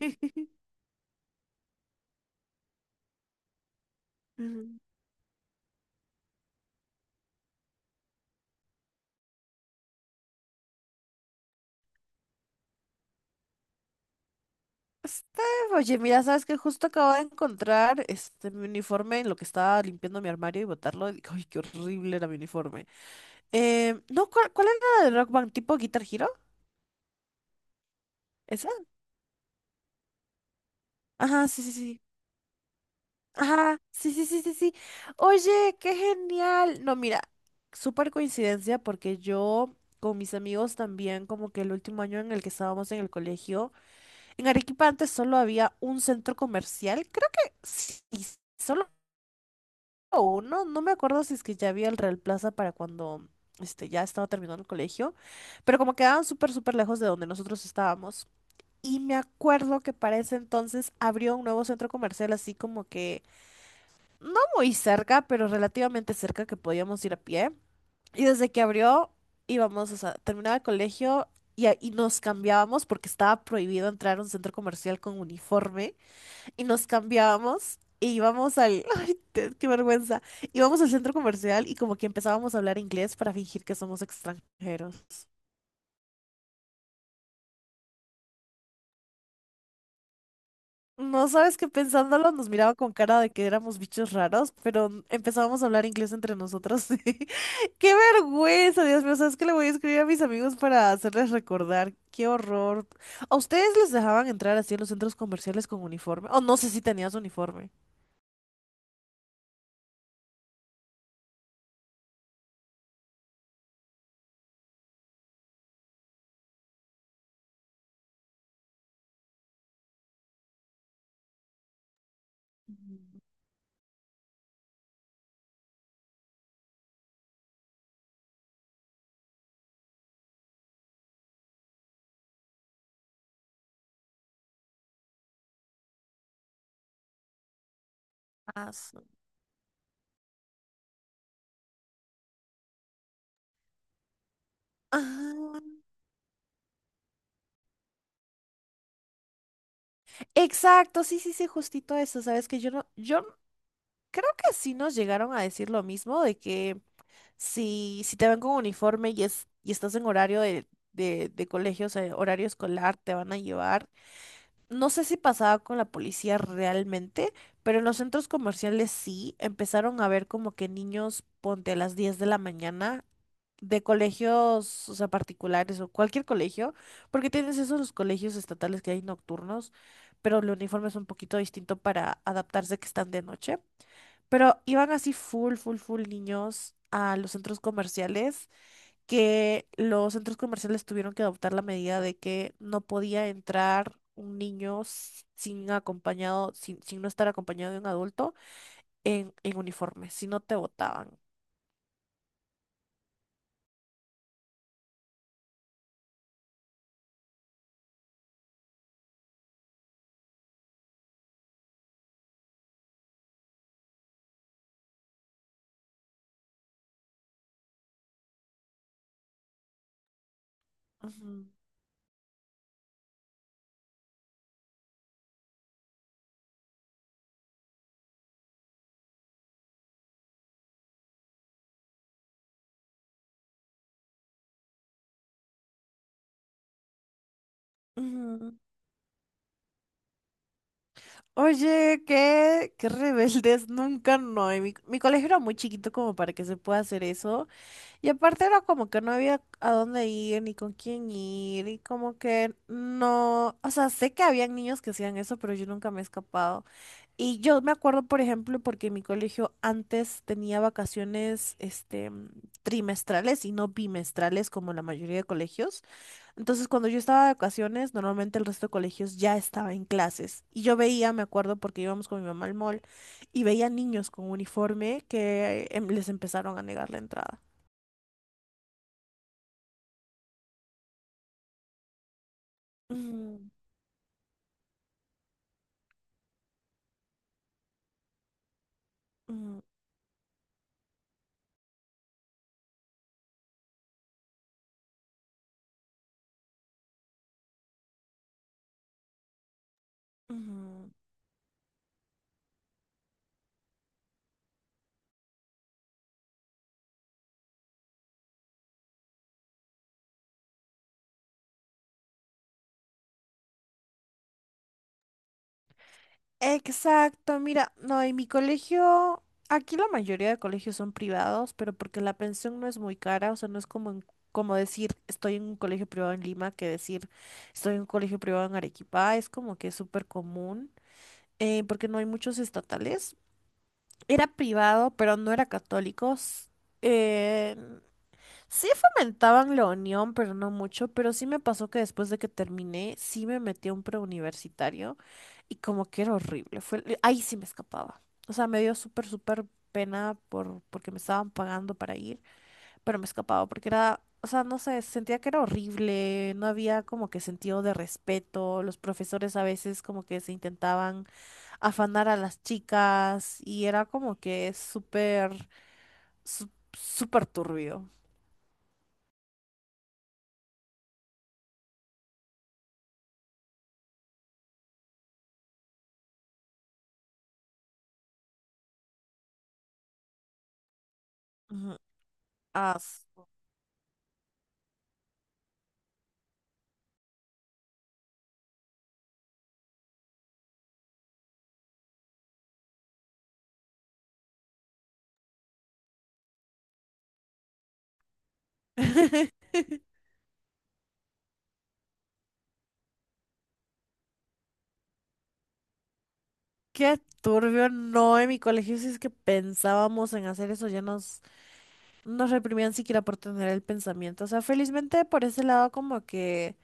Este, oye, mira, sabes que justo acabo de encontrar mi uniforme en lo que estaba limpiando mi armario y botarlo. Y dije, ay, qué horrible era mi uniforme. No, ¿cuál era la de Rock Band? ¿Tipo Guitar Hero? ¿Esa? Ajá, sí, sí, sí. Ajá, sí, sí, sí, sí, sí. Oye, qué genial. No, mira, súper coincidencia porque yo con mis amigos también, como que el último año en el que estábamos en el colegio, en Arequipa antes solo había un centro comercial, creo que sí, solo. O no, no me acuerdo si es que ya había el Real Plaza para cuando ya estaba terminando el colegio, pero como quedaban súper, súper lejos de donde nosotros estábamos. Y me acuerdo que para ese entonces abrió un nuevo centro comercial así como que no muy cerca, pero relativamente cerca que podíamos ir a pie. Y desde que abrió íbamos, o sea, terminaba el colegio y nos cambiábamos porque estaba prohibido entrar a un centro comercial con uniforme y nos cambiábamos y íbamos al... Ay, qué vergüenza. Íbamos al centro comercial y como que empezábamos a hablar inglés para fingir que somos extranjeros. No sabes que pensándolo nos miraba con cara de que éramos bichos raros, pero empezábamos a hablar inglés entre nosotros. Sí. ¡Qué vergüenza, Dios mío! ¿Sabes qué? Le voy a escribir a mis amigos para hacerles recordar. ¡Qué horror! ¿A ustedes les dejaban entrar así en los centros comerciales con uniforme? O no sé si tenías uniforme. Ah, su- Ah. Exacto, sí, sí, sí, justito eso, sabes que yo no, yo creo que sí nos llegaron a decir lo mismo, de que si te ven con uniforme y y estás en horario de colegio, o sea, horario escolar, te van a llevar. No sé si pasaba con la policía realmente, pero en los centros comerciales sí, empezaron a ver como que niños, ponte a las 10 de la mañana de colegios, o sea, particulares o cualquier colegio, porque tienes esos los colegios estatales que hay nocturnos, pero el uniforme es un poquito distinto para adaptarse que están de noche. Pero iban así full, full, full niños a los centros comerciales, que los centros comerciales tuvieron que adoptar la medida de que no podía entrar un niño sin acompañado, sin no estar acompañado de un adulto en uniforme, si no te botaban. Ujú, ujú. Oye, qué rebeldes, nunca no. Y mi colegio era muy chiquito como para que se pueda hacer eso. Y aparte era como que no había a dónde ir, ni con quién ir, y como que no. O sea, sé que habían niños que hacían eso, pero yo nunca me he escapado. Y yo me acuerdo, por ejemplo, porque mi colegio antes tenía vacaciones, trimestrales y no bimestrales como la mayoría de colegios. Entonces, cuando yo estaba de vacaciones, normalmente el resto de colegios ya estaba en clases. Y yo veía, me acuerdo, porque íbamos con mi mamá al mall, y veía niños con uniforme que les empezaron a negar la entrada. Ujú, ujú, ujú. Exacto, mira, no, en mi colegio, aquí la mayoría de colegios son privados, pero porque la pensión no es muy cara, o sea, no es como decir estoy en un colegio privado en Lima que decir estoy en un colegio privado en Arequipa, es como que es súper común porque no hay muchos estatales. Era privado, pero no era católicos. Eh, sí fomentaban la unión, pero no mucho, pero sí me pasó que después de que terminé, sí me metí a un preuniversitario y como que era horrible, fue, ahí sí me escapaba. O sea, me dio súper, súper pena porque me estaban pagando para ir, pero me escapaba porque era, o sea, no sé, sentía que era horrible, no había como que sentido de respeto, los profesores a veces como que se intentaban afanar a las chicas y era como que súper, súper turbio. Ujú. Ah, su- Qué turbio, no, en mi colegio si es que pensábamos en hacer eso, ya nos reprimían siquiera por tener el pensamiento. O sea, felizmente por ese lado como que.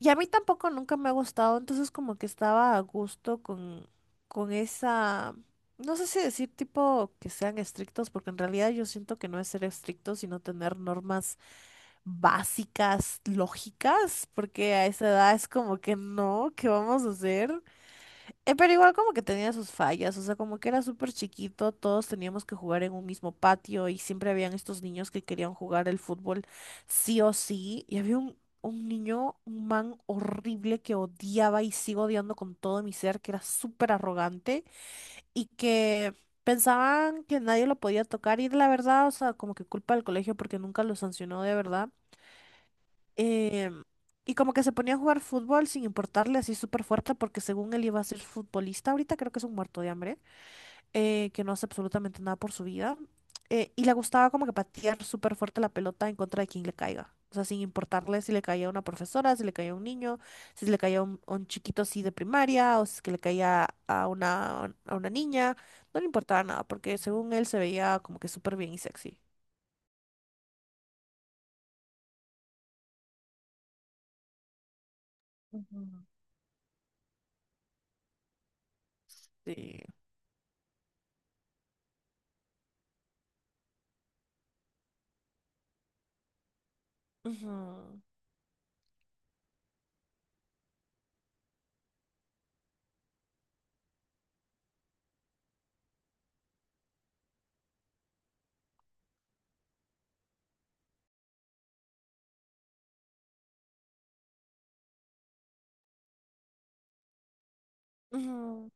Y a mí tampoco nunca me ha gustado, entonces como que estaba a gusto con esa, no sé si decir tipo que sean estrictos, porque en realidad yo siento que no es ser estrictos sino tener normas básicas, lógicas, porque a esa edad es como que no, ¿qué vamos a hacer? Pero igual como que tenía sus fallas, o sea, como que era súper chiquito, todos teníamos que jugar en un mismo patio y siempre habían estos niños que querían jugar el fútbol sí o sí. Y había un niño, un man horrible que odiaba y sigo odiando con todo mi ser, que era súper arrogante y que pensaban que nadie lo podía tocar y la verdad, o sea, como que culpa del colegio porque nunca lo sancionó de verdad. Em, y como que se ponía a jugar fútbol sin importarle así súper fuerte porque según él iba a ser futbolista, ahorita creo que es un muerto de hambre, que no hace absolutamente nada por su vida. Eh, y le gustaba como que patear súper fuerte la pelota en contra de quien le caiga. O sea, sin importarle si le caía a una profesora, si le caía a un niño, si le caía a a un chiquito así de primaria o si es que le caía a a una niña. No le importaba nada porque según él se veía como que súper bien y sexy. Ujú. Sí. Ujú, ujú.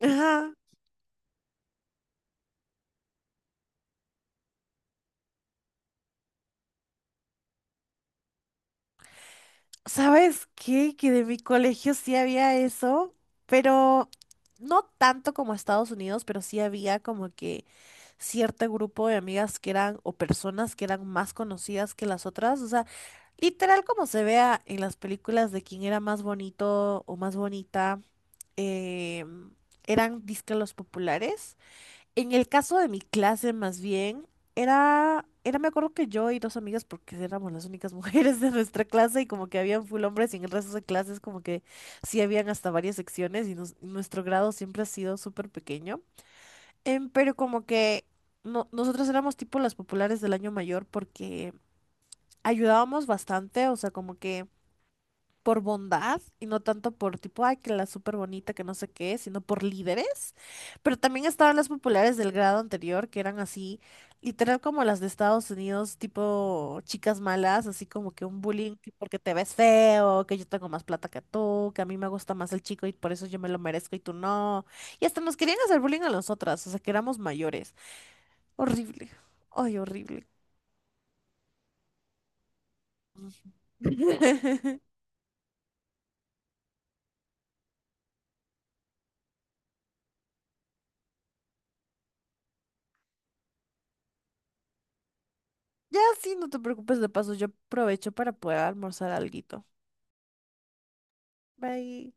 Ajá, ¿sabes qué? Que de mi colegio sí había eso, pero no tanto como Estados Unidos, pero sí había como que cierto grupo de amigas que eran o personas que eran más conocidas que las otras. O sea, literal como se vea en las películas de quién era más bonito o más bonita, em, eran disque los populares. En el caso de mi clase, más bien, me acuerdo que yo y dos amigas, porque éramos las únicas mujeres de nuestra clase y como que habían full hombres y en el resto de clases como que sí habían hasta varias secciones y nuestro grado siempre ha sido súper pequeño. Pero como que no, nosotros éramos tipo las populares del año mayor porque ayudábamos bastante, o sea, como que por bondad y no tanto por tipo, ay, que la súper bonita, que no sé qué, sino por líderes. Pero también estaban las populares del grado anterior, que eran así, literal como las de Estados Unidos, tipo chicas malas, así como que un bullying que porque te ves feo, que yo tengo más plata que tú, que a mí me gusta más el chico y por eso yo me lo merezco y tú no. Y hasta nos querían hacer bullying a nosotras, o sea, que éramos mayores. Horrible. Ay, horrible. Ya sí, no te preocupes, de paso yo aprovecho para poder almorzar algo. Bye.